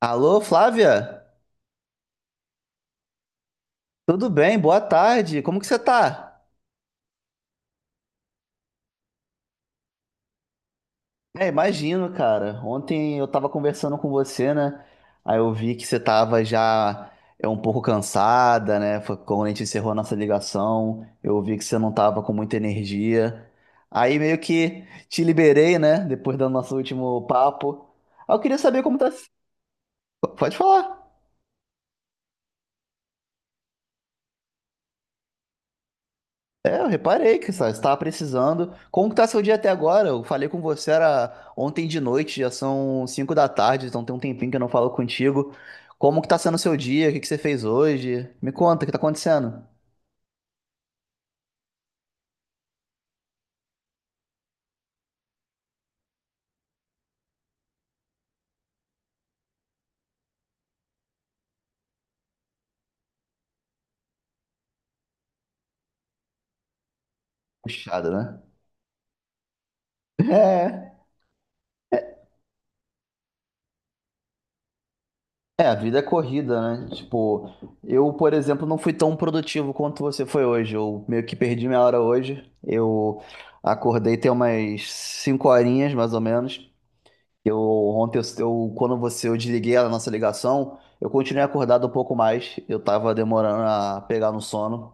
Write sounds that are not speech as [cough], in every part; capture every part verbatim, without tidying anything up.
Alô, Flávia? Tudo bem? Boa tarde. Como que você tá? É, imagino, cara. Ontem eu tava conversando com você, né? Aí eu vi que você tava já é um pouco cansada, né? Foi quando a gente encerrou a nossa ligação, eu vi que você não tava com muita energia. Aí meio que te liberei, né? Depois do nosso último papo. Aí eu queria saber como tá. Pode falar. É, eu reparei que você estava precisando. Como que tá seu dia até agora? Eu falei com você era ontem de noite, já são cinco da tarde, então tem um tempinho que eu não falo contigo. Como que tá sendo o seu dia? O que que você fez hoje? Me conta, o que tá acontecendo? Puxado, né? [laughs] É. É, a vida é corrida, né? Tipo, eu, por exemplo, não fui tão produtivo quanto você foi hoje. Eu meio que perdi minha hora hoje. Eu acordei tem umas cinco horinhas, mais ou menos. Eu ontem, eu, eu- quando você, eu desliguei a nossa ligação, eu continuei acordado um pouco mais. Eu tava demorando a pegar no sono.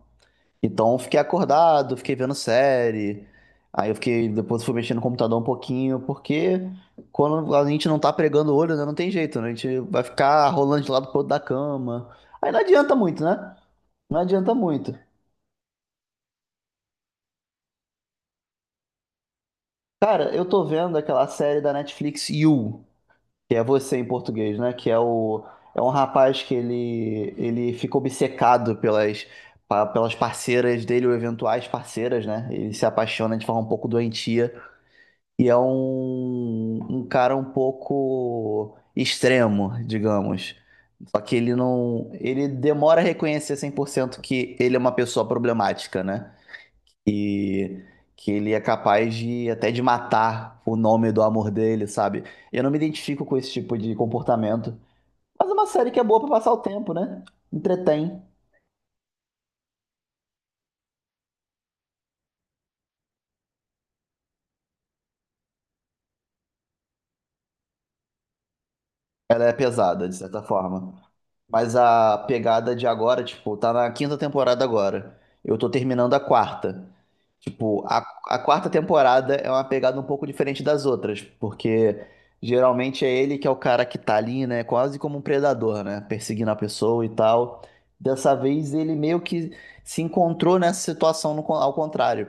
Então, eu fiquei acordado, fiquei vendo série. Aí eu fiquei, depois fui mexendo no computador um pouquinho, porque quando a gente não tá pregando o olho, né, não tem jeito, né? A gente vai ficar rolando de lado pro outro da cama. Aí não adianta muito, né? Não adianta muito. Cara, eu tô vendo aquela série da Netflix You, que é você em português, né? Que é o É um rapaz que ele ele fica obcecado pelas pa- pelas parceiras dele ou eventuais parceiras, né? Ele se apaixona de forma um pouco doentia e é um um cara um pouco extremo, digamos. Só que ele não ele demora a reconhecer cem por cento que ele é uma pessoa problemática, né? E que ele é capaz de até de matar o nome do amor dele, sabe? Eu não me identifico com esse tipo de comportamento. Mas é uma série que é boa pra passar o tempo, né? Entretém. Ela é pesada, de certa forma. Mas a pegada de agora, tipo, tá na quinta temporada agora. Eu tô terminando a quarta. Tipo, a, a quarta temporada é uma pegada um pouco diferente das outras, porque geralmente é ele que é o cara que tá ali, né? Quase como um predador, né? Perseguindo a pessoa e tal. Dessa vez ele meio que se encontrou nessa situação no con- ao contrário.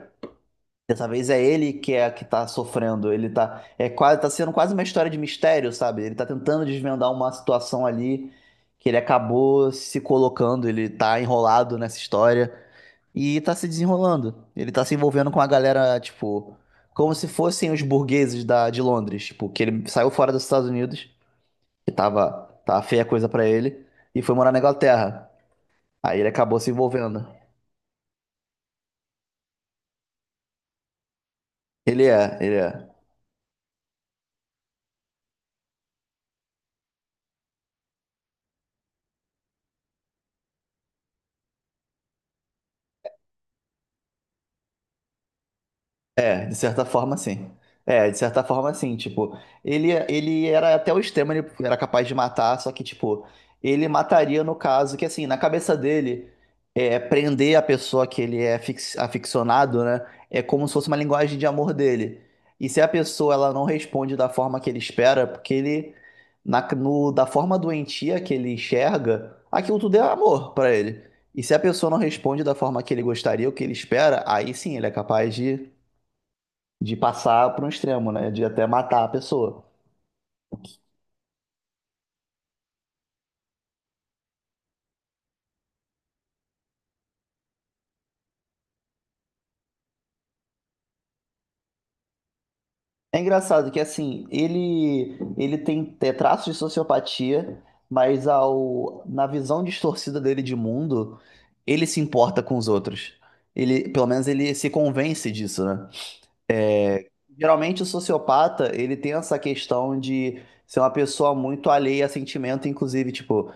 Dessa vez é ele que é que tá sofrendo. Ele tá, é quase, tá sendo quase uma história de mistério, sabe? Ele tá tentando desvendar uma situação ali que ele acabou se colocando, ele tá enrolado nessa história e tá se desenrolando. Ele tá se envolvendo com a galera, tipo, como se fossem os burgueses da, de Londres, tipo, que ele saiu fora dos Estados Unidos, que tava, tava feia a coisa pra ele, e foi morar na Inglaterra. Aí ele acabou se envolvendo. Ele é, ele é. É, de certa forma, sim. É, de certa forma, sim. Tipo, ele, ele era até o extremo, ele era capaz de matar, só que, tipo, ele mataria no caso que, assim, na cabeça dele, é, prender a pessoa que ele é fix- aficionado, né? É como se fosse uma linguagem de amor dele. E se a pessoa, ela não responde da forma que ele espera, porque ele, na, no, da forma doentia que ele enxerga, aquilo tudo é amor pra ele. E se a pessoa não responde da forma que ele gostaria, o que ele espera, aí sim, ele é capaz de de passar para um extremo, né? De até matar a pessoa. É engraçado que assim, ele ele tem é, traços de sociopatia, mas ao na visão distorcida dele de mundo, ele se importa com os outros. Ele, pelo menos ele se convence disso, né? Geralmente o sociopata, ele tem essa questão de ser uma pessoa muito alheia a sentimento, inclusive, tipo,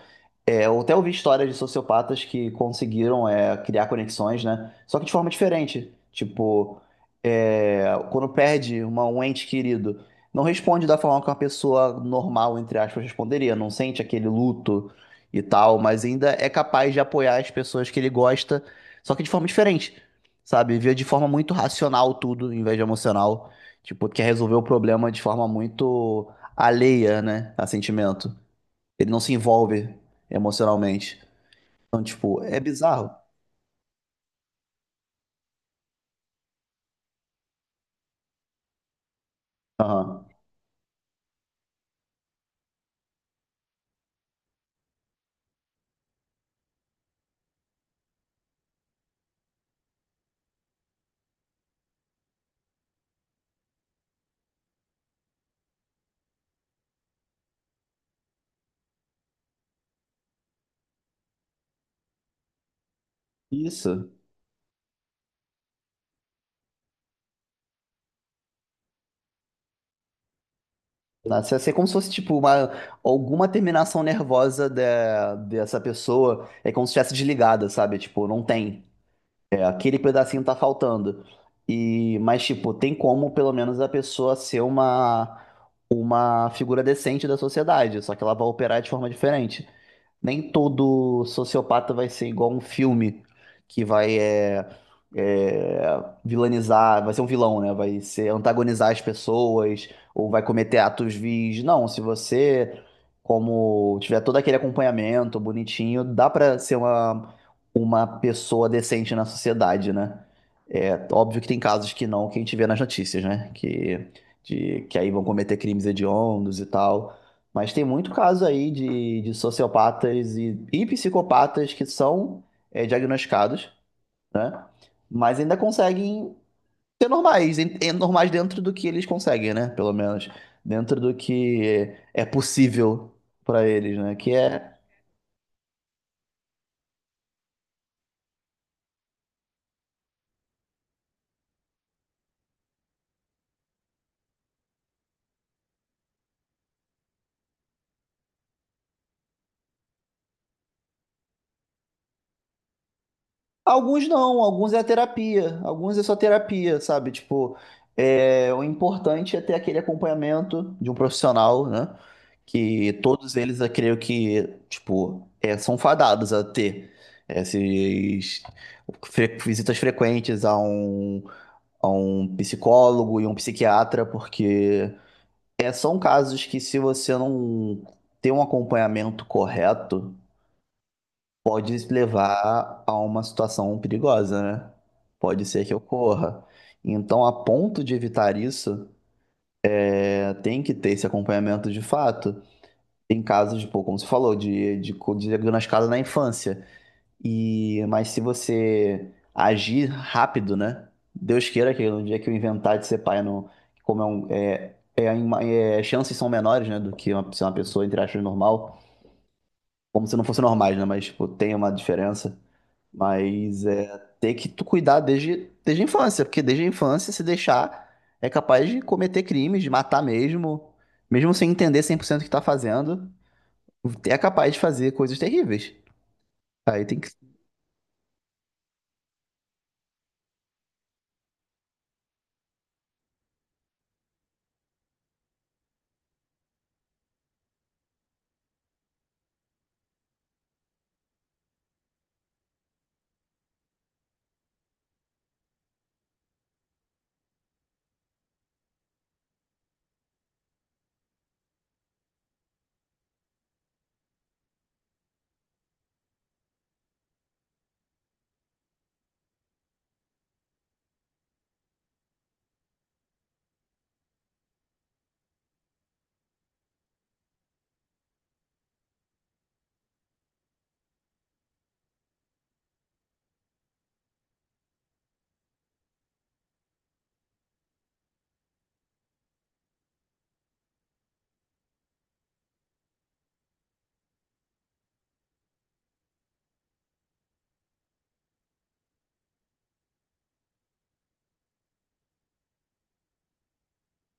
é, eu até ouvi histórias de sociopatas que conseguiram é, criar conexões, né? Só que de forma diferente. Tipo, é, quando perde uma, um ente querido, não responde da forma que uma pessoa normal, entre aspas, responderia. Não sente aquele luto e tal, mas ainda é capaz de apoiar as pessoas que ele gosta, só que de forma diferente, sabe? Vê de forma muito racional tudo, em vez de emocional. Tipo, quer resolver o problema de forma muito alheia, né? A sentimento. Ele não se envolve emocionalmente. Então, tipo, é bizarro. Aham. Isso. Nossa, ia ser como se fosse, tipo, uma, alguma terminação nervosa de- dessa pessoa. É como se estivesse desligada, sabe? Tipo, não tem. É, aquele pedacinho tá faltando. E, mas, tipo, tem como, pelo menos, a pessoa ser uma, uma figura decente da sociedade. Só que ela vai operar de forma diferente. Nem todo sociopata vai ser igual um filme que vai é, é, vilanizar, vai ser um vilão, né? Vai ser antagonizar as pessoas ou vai cometer atos vis. Não, se você, como tiver todo aquele acompanhamento bonitinho, dá pra ser uma, uma pessoa decente na sociedade, né? É óbvio que tem casos que não, que a gente vê nas notícias, né? Que, de, que aí vão cometer crimes hediondos e tal. Mas tem muito caso aí de, de sociopatas e, e psicopatas que são é, diagnosticados, né? Mas ainda conseguem ser normais, em- em- normais dentro do que eles conseguem, né? Pelo menos. Dentro do que é possível para eles, né? Que é, alguns não, alguns é terapia, alguns é só terapia, sabe? Tipo, é, o importante é ter aquele acompanhamento de um profissional, né? Que todos eles, eu creio que, tipo, é, são fadados a ter essas fre- visitas frequentes a um, a um psicólogo e um psiquiatra, porque é, são casos que se você não tem um acompanhamento correto, pode levar a uma situação perigosa, né? Pode ser que ocorra. Então, a ponto de evitar isso, é, tem que ter esse acompanhamento de fato. Tem casos, pô, como você falou, de, de, co- de diagnosticado na infância. E, mas se você agir rápido, né? Deus queira que no dia que eu inventar de ser pai, não, como é um, é, é, é, uma- é, chances são menores, né, do que uma, ser uma pessoa, entre aspas, normal. Como se não fosse normais, né? Mas, tipo, tem uma diferença. Mas é ter que tu cuidar desde, desde a infância, porque desde a infância, se deixar, é capaz de cometer crimes, de matar mesmo, mesmo sem entender cem por cento o que tá fazendo, é capaz de fazer coisas terríveis. Aí tem que.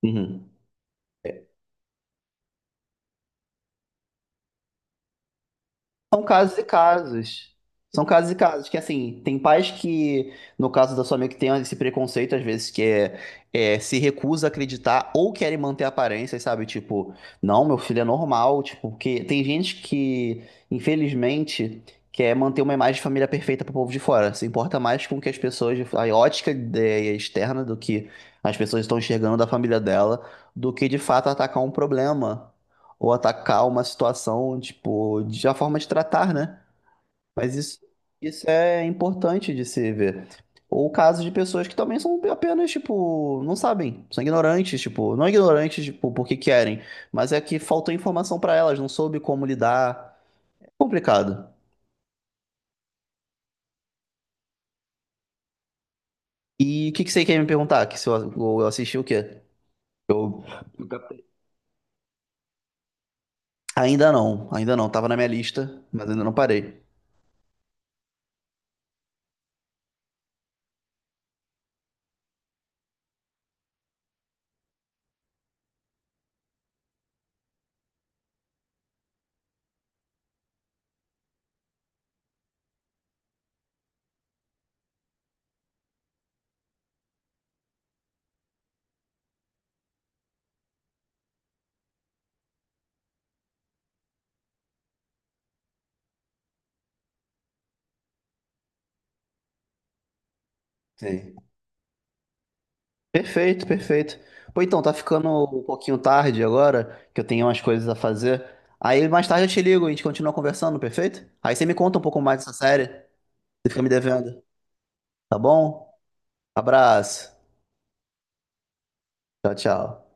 Uhum. São casos e casos. São casos e casos. Que assim, tem pais que, no caso da sua amiga, que tem esse preconceito, às vezes, que é, é, se recusa a acreditar ou querem manter aparências, sabe? Tipo, não, meu filho é normal. Tipo, porque tem gente que, infelizmente, quer manter uma imagem de família perfeita pro povo de fora. Se importa mais com o que as pessoas, a ótica é, externa do que as pessoas estão enxergando da família dela, do que de fato atacar um problema ou atacar uma situação, tipo, de a forma de tratar, né? Mas isso, isso é importante de se ver. Ou casos de pessoas que também são apenas, tipo, não sabem, são ignorantes, tipo, não ignorantes, tipo, porque querem, mas é que faltou informação pra elas, não soube como lidar. É complicado. E o que que você quer me perguntar? Que se eu, eu assisti o quê? Eu ainda não, ainda não, tava na minha lista, mas ainda não parei. Sei. Perfeito, perfeito. Pô, então, tá ficando um pouquinho tarde agora, que eu tenho umas coisas a fazer. Aí mais tarde eu te ligo e a gente continua conversando, perfeito? Aí você me conta um pouco mais dessa série. Você fica me devendo, tá bom? Abraço. Tchau, tchau.